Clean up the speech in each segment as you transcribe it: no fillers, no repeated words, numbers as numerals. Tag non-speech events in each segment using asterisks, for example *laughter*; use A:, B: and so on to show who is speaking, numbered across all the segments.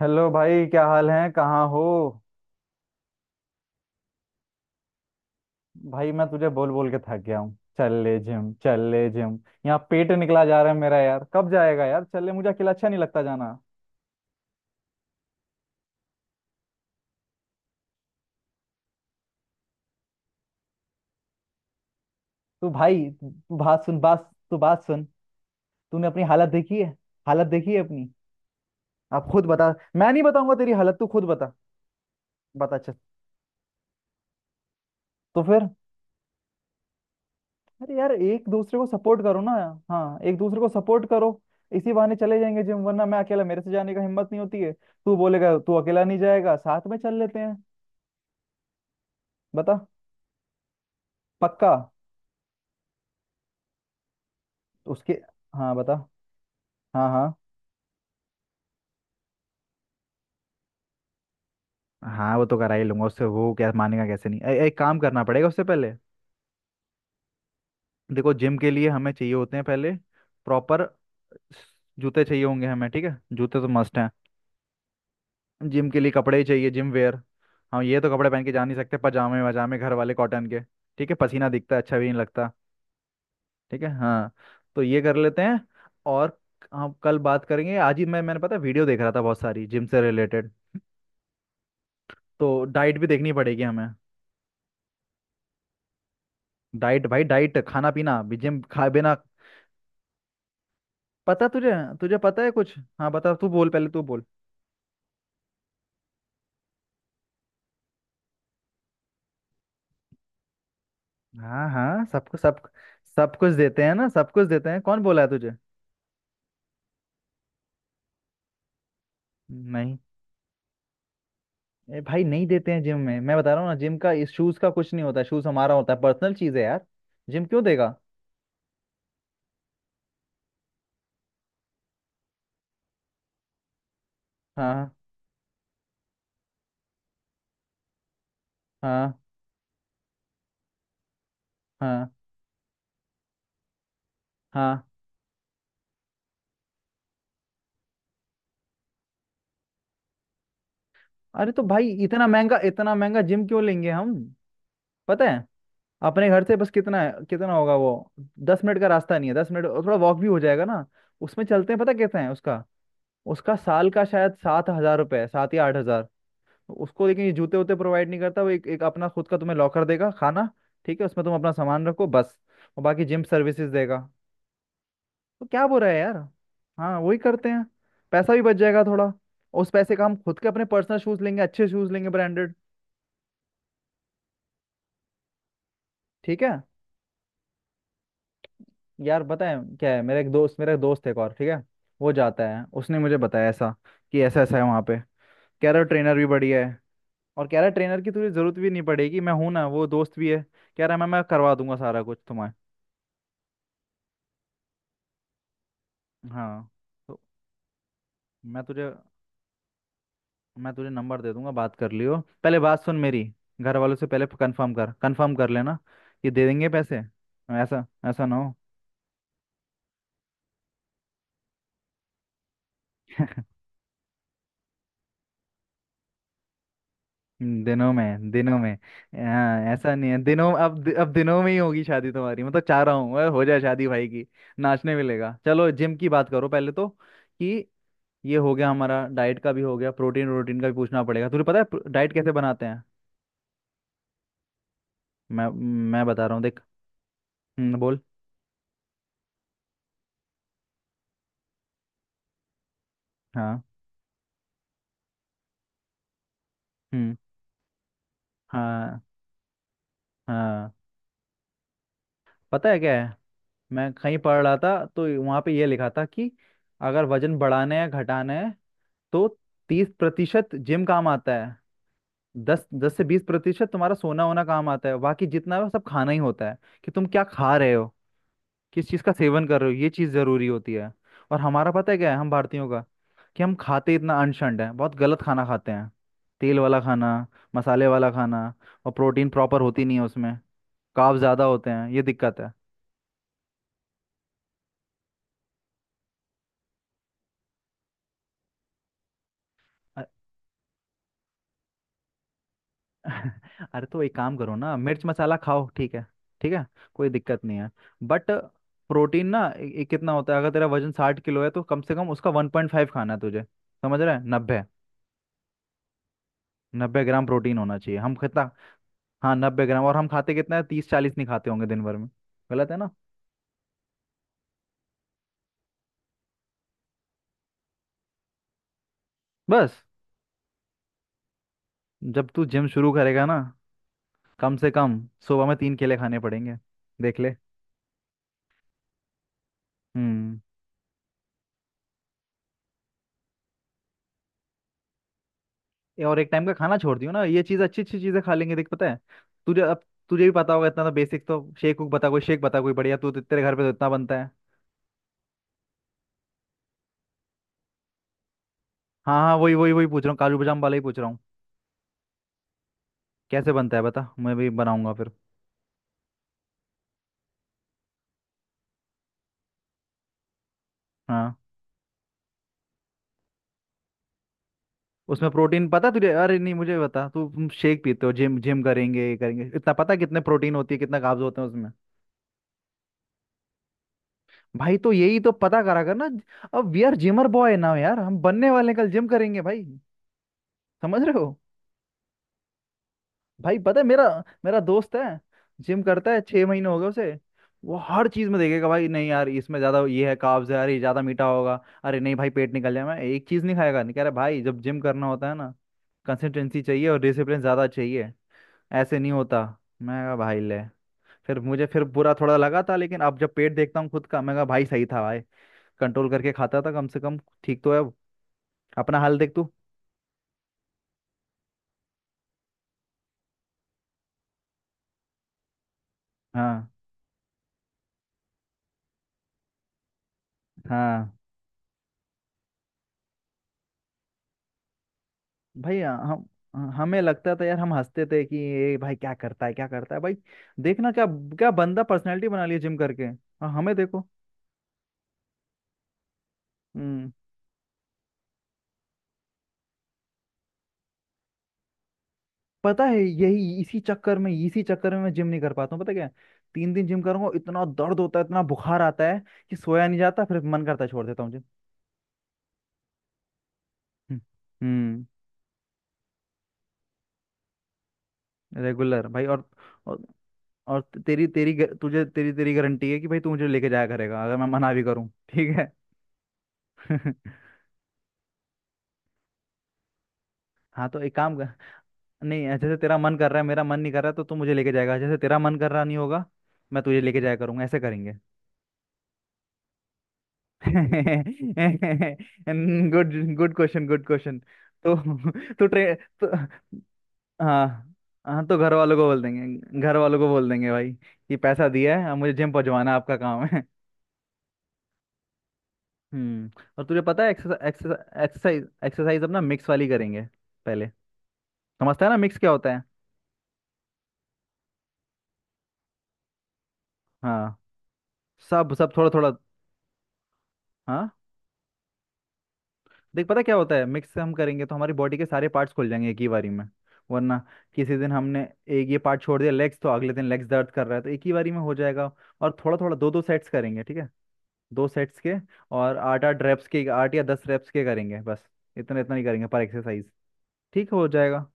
A: Hello भाई, क्या हाल है? कहाँ हो? भाई, मैं तुझे बोल बोल के थक गया हूँ। चल ले जिम, चल ले जिम। यहाँ पेट निकला जा रहा है मेरा, यार। कब जाएगा यार, चल ले, मुझे अकेला अच्छा नहीं लगता जाना। तू भाई, तू बात सुन। तूने अपनी हालत देखी है? हालत देखी है अपनी? आप खुद बता। मैं नहीं बताऊंगा तेरी हालत, तू खुद बता। बता, चल। तो फिर? अरे यार, एक दूसरे को सपोर्ट करो ना। हाँ, एक दूसरे को सपोर्ट करो। इसी बहाने चले जाएंगे जिम, वरना मैं अकेला, मेरे से जाने का हिम्मत नहीं होती है। तू बोलेगा तू अकेला नहीं जाएगा, साथ में चल लेते हैं। बता। पक्का। उसके। हाँ बता। हाँ हाँ हाँ। वो तो करा ही लूंगा उससे, वो क्या मानेगा कैसे नहीं। एक काम करना पड़ेगा उससे पहले। देखो, जिम के लिए हमें चाहिए होते हैं पहले प्रॉपर जूते। चाहिए होंगे हमें, ठीक है? जूते तो मस्ट। जिम के लिए कपड़े ही चाहिए, जिम वेयर। हाँ, ये तो कपड़े पहन के जा नहीं सकते, पजामे वजामे घर वाले कॉटन के। ठीक है? पसीना दिखता है, अच्छा भी नहीं लगता। ठीक है। हाँ, तो ये कर लेते हैं। और हम कल बात करेंगे। आज ही मैंने, पता है, वीडियो देख रहा था बहुत सारी जिम से रिलेटेड। तो डाइट भी देखनी पड़ेगी हमें। डाइट भाई, डाइट, खाना पीना। भी जिम खाए बिना पता तुझे? तुझे पता है कुछ? हाँ बता, तू बोल पहले, तू बोल। हाँ हाँ, सब कुछ, सब। सब कुछ देते हैं ना? सब कुछ देते हैं? कौन बोला है तुझे? नहीं, ए भाई, नहीं देते हैं जिम में, मैं बता रहा हूँ ना। जिम का इस शूज का कुछ नहीं होता। शूज हमारा होता है, पर्सनल चीज है यार। जिम क्यों देगा? हाँ हाँ हाँ हाँ। अरे तो भाई, इतना महंगा, इतना महंगा जिम क्यों लेंगे हम? पता है, अपने घर से बस कितना है, कितना होगा वो? 10 मिनट का रास्ता नहीं है? 10 मिनट, और थोड़ा वॉक भी हो जाएगा ना। उसमें चलते हैं, पता कितना है उसका? उसका साल का शायद 7,000 रुपये है, 7 या 8 हजार। उसको, लेकिन ये जूते वूते प्रोवाइड नहीं करता। वो एक एक अपना खुद का तुम्हें लॉकर देगा, खाना, ठीक है? उसमें तुम अपना सामान रखो बस। और बाकी जिम सर्विसेज देगा। तो क्या बुरा है यार? हाँ, वही करते हैं। पैसा भी बच जाएगा थोड़ा। उस पैसे का हम खुद के अपने पर्सनल शूज लेंगे, अच्छे शूज लेंगे, ब्रांडेड। ठीक है। यार बताएं क्या है, मेरा एक दोस्त है, एक और, ठीक है। वो जाता है, उसने मुझे बताया ऐसा, कि ऐसा ऐसा है वहाँ पे। कह रहा ट्रेनर भी बढ़िया है। और कह रहा ट्रेनर की तुझे जरूरत भी नहीं पड़ेगी, मैं हूं ना, वो दोस्त भी है। कह रहा मैं करवा दूंगा सारा कुछ तुम्हें। हाँ। तो मैं तुझे मैं तुझे नंबर दे दूंगा, बात कर लियो, पहले बात सुन मेरी। घर वालों से पहले कंफर्म कर, कंफर्म कर लेना। ये दे देंगे पैसे? ऐसा ऐसा ना हो। दिनों में, दिनों में। हाँ, ऐसा नहीं है दिनों। अब दिनों में ही होगी शादी तुम्हारी, मतलब चाह रहा हूँ, अरे हो जाए शादी भाई की। नाचने मिलेगा। चलो जिम की बात करो पहले तो, कि ये हो गया हमारा, डाइट का भी हो गया। प्रोटीन, प्रोटीन का भी पूछना पड़ेगा। तुझे पता है डाइट कैसे बनाते हैं? मैं मैं बता रहा हूँ, देख। बोल। हाँ। हम्म। हाँ हाँ। पता है क्या है, मैं कहीं पढ़ रहा था। तो वहां पे ये लिखा था कि अगर वजन बढ़ाना है, घटाना है, तो 30% जिम काम आता है। दस दस से 20% तुम्हारा सोना होना काम आता है। बाकी जितना है वो सब खाना ही होता है, कि तुम क्या खा रहे हो, किस चीज़ का सेवन कर रहे हो। ये चीज़ ज़रूरी होती है। और हमारा पता है क्या है, हम भारतीयों का, कि हम खाते इतना अनशंड है। बहुत गलत खाना खाते हैं। तेल वाला खाना, मसाले वाला खाना, और प्रोटीन प्रॉपर होती नहीं है उसमें। कार्ब ज़्यादा होते हैं, ये दिक्कत है। अरे तो एक काम करो ना, मिर्च मसाला खाओ, ठीक है। ठीक है, कोई दिक्कत नहीं है। बट प्रोटीन ना, ए, ए, कितना होता है, अगर तेरा वजन 60 किलो है, तो कम से कम उसका 1.5 खाना है तुझे। समझ रहा है? नब्बे। 90 ग्राम प्रोटीन होना चाहिए। हम कितना? हाँ, 90 ग्राम। और हम खाते कितना है? 30 40 नहीं खाते होंगे दिन भर में। गलत है ना? बस, जब तू जिम शुरू करेगा ना, कम से कम सुबह में तीन केले खाने पड़ेंगे। देख ले। हम्म। ये, और एक टाइम का खाना छोड़ दियो ना। ये चीज अच्छी अच्छी चीजें खा लेंगे। देख, पता है तुझे अब? तुझे भी पता होगा इतना तो बेसिक तो। शेक उक बता, कोई शेक बता कोई बढ़िया। तू तो, तेरे घर पे तो इतना बनता है। हाँ हाँ, वही वही वही पूछ रहा हूँ, काजू बादाम वाला ही पूछ रहा हूँ। कैसे बनता है बता, मैं भी बनाऊंगा फिर। हाँ। उसमें प्रोटीन पता है तुझे? अरे नहीं, मुझे बता तू, शेक पीते हो, जिम जिम करेंगे, ये करेंगे, इतना पता है कितने प्रोटीन होती है, कितना कार्ब्स होते हैं उसमें? भाई तो यही तो पता करा कर ना। अब we are gymmer boy now, यार, हम बनने वाले हैं, कल जिम करेंगे भाई। समझ रहे हो? भाई, पता है मेरा मेरा दोस्त है, जिम करता है, 6 महीने हो गए उसे। वो हर चीज में देखेगा भाई, नहीं यार इसमें ज्यादा ये है, कार्ब्स है, अरे ये ज्यादा मीठा होगा, अरे नहीं भाई पेट निकल जाए, मैं एक चीज नहीं खाएगा। नहीं कह रहा भाई, जब जिम करना होता है ना, कंसिस्टेंसी चाहिए और डिसिप्लिन ज्यादा चाहिए। ऐसे नहीं होता। मैं कहा भाई, ले। फिर बुरा थोड़ा लगा था, लेकिन अब जब पेट देखता हूँ खुद का, मैं कहा भाई, सही था भाई। कंट्रोल करके खाता था कम से कम। ठीक तो है अब। अपना हाल देख तू। हाँ हाँ भाई। हम हमें लगता था यार, हम हंसते थे कि ये भाई क्या करता है, क्या करता है भाई, देखना क्या? क्या बंदा पर्सनैलिटी बना लिया जिम करके, हाँ हमें देखो। हम्म। पता है यही, इसी चक्कर में, इसी चक्कर में मैं जिम नहीं कर पाता हूँ, पता क्या। तीन दिन जिम करूंगा, इतना दर्द होता है, इतना बुखार आता है कि सोया नहीं जाता, फिर मन करता है छोड़ देता हूँ जिम। हम्म। हम्म। रेगुलर भाई। और और तेरी तेरी ग- तुझे तेरी तेरी गारंटी है कि भाई तू मुझे लेके जाया करेगा, अगर मैं मना भी करूँ, ठीक है? *laughs* हाँ, तो एक काम कर, नहीं, जैसे तेरा मन कर रहा है मेरा मन नहीं कर रहा, तो तू मुझे लेके जाएगा। जैसे तेरा मन कर रहा नहीं होगा, मैं तुझे लेके जाया करूंगा। ऐसे करेंगे। *laughs* Good, good question, good question. तो, तो ट्रे तो, हाँ हाँ, तो घर वालों को बोल देंगे, घर वालों को बोल देंगे भाई कि पैसा दिया है, अब मुझे जिम पहुंचवाना आपका काम है। हम्म। और तुझे पता है, एक्सरसाइज, एक्सरसाइज अपना मिक्स वाली करेंगे पहले। समझता है ना मिक्स क्या होता है? हाँ, सब, सब थोड़ा थोड़ा। हाँ। देख पता क्या होता है, मिक्स हम करेंगे तो हमारी बॉडी के सारे पार्ट्स खुल जाएंगे एक ही बारी में। वरना किसी दिन हमने एक ये पार्ट छोड़ दिया लेग्स, तो अगले दिन लेग्स दर्द कर रहा है, तो एक ही बारी में हो जाएगा। और थोड़ा थोड़ा दो दो सेट्स करेंगे, ठीक है? दो सेट्स के, और आठ आठ रेप्स के, आठ या दस रेप्स के करेंगे बस। इतना इतना ही करेंगे पर एक्सरसाइज, ठीक हो जाएगा।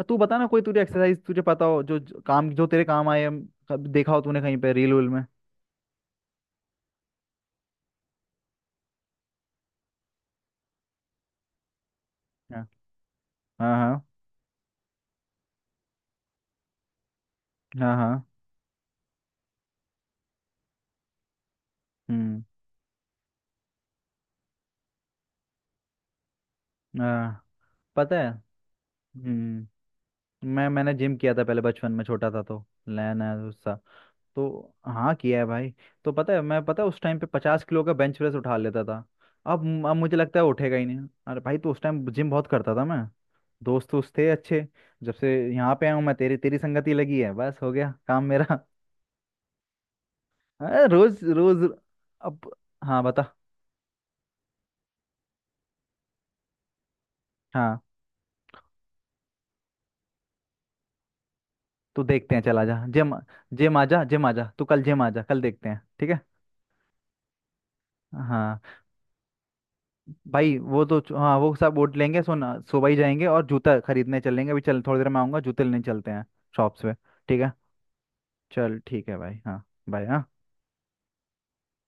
A: और तू बता ना, कोई तुझे एक्सरसाइज तुझे पता हो, जो जो काम जो तेरे काम आए, कब देखा हो तूने कहीं पे रील वील में। हाँ हाँ हाँ हाँ हाँ, हम्म। हाँ, पता है। हम्म। मैंने जिम किया था पहले, बचपन में छोटा था तो, लैन है उसका। तो हाँ, किया है भाई। तो पता है, मैं पता है, उस टाइम पे 50 किलो का बेंच प्रेस उठा लेता था। अब मुझे लगता है उठेगा ही नहीं, अरे भाई तो उस टाइम जिम बहुत करता था मैं, दोस्त दोस्त थे अच्छे। जब से यहाँ पे आया हूँ, मैं तेरी तेरी संगति लगी है, बस, हो गया काम मेरा। *laughs* अरे रोज रोज। अब, हाँ बता। हाँ, तो देखते हैं, चल आजा जिम। जिम आजा, जिम आजा, तू कल जिम आजा, कल देखते हैं, ठीक है? हाँ। भाई वो तो हाँ, वो सब वोट लेंगे, सुना? सुबह ही जाएंगे और जूता खरीदने चलेंगे। अभी चल, थोड़ी देर में आऊंगा, जूते लेने चलते हैं शॉप्स पे, ठीक है? चल, ठीक है भाई। हाँ, बाय। हाँ।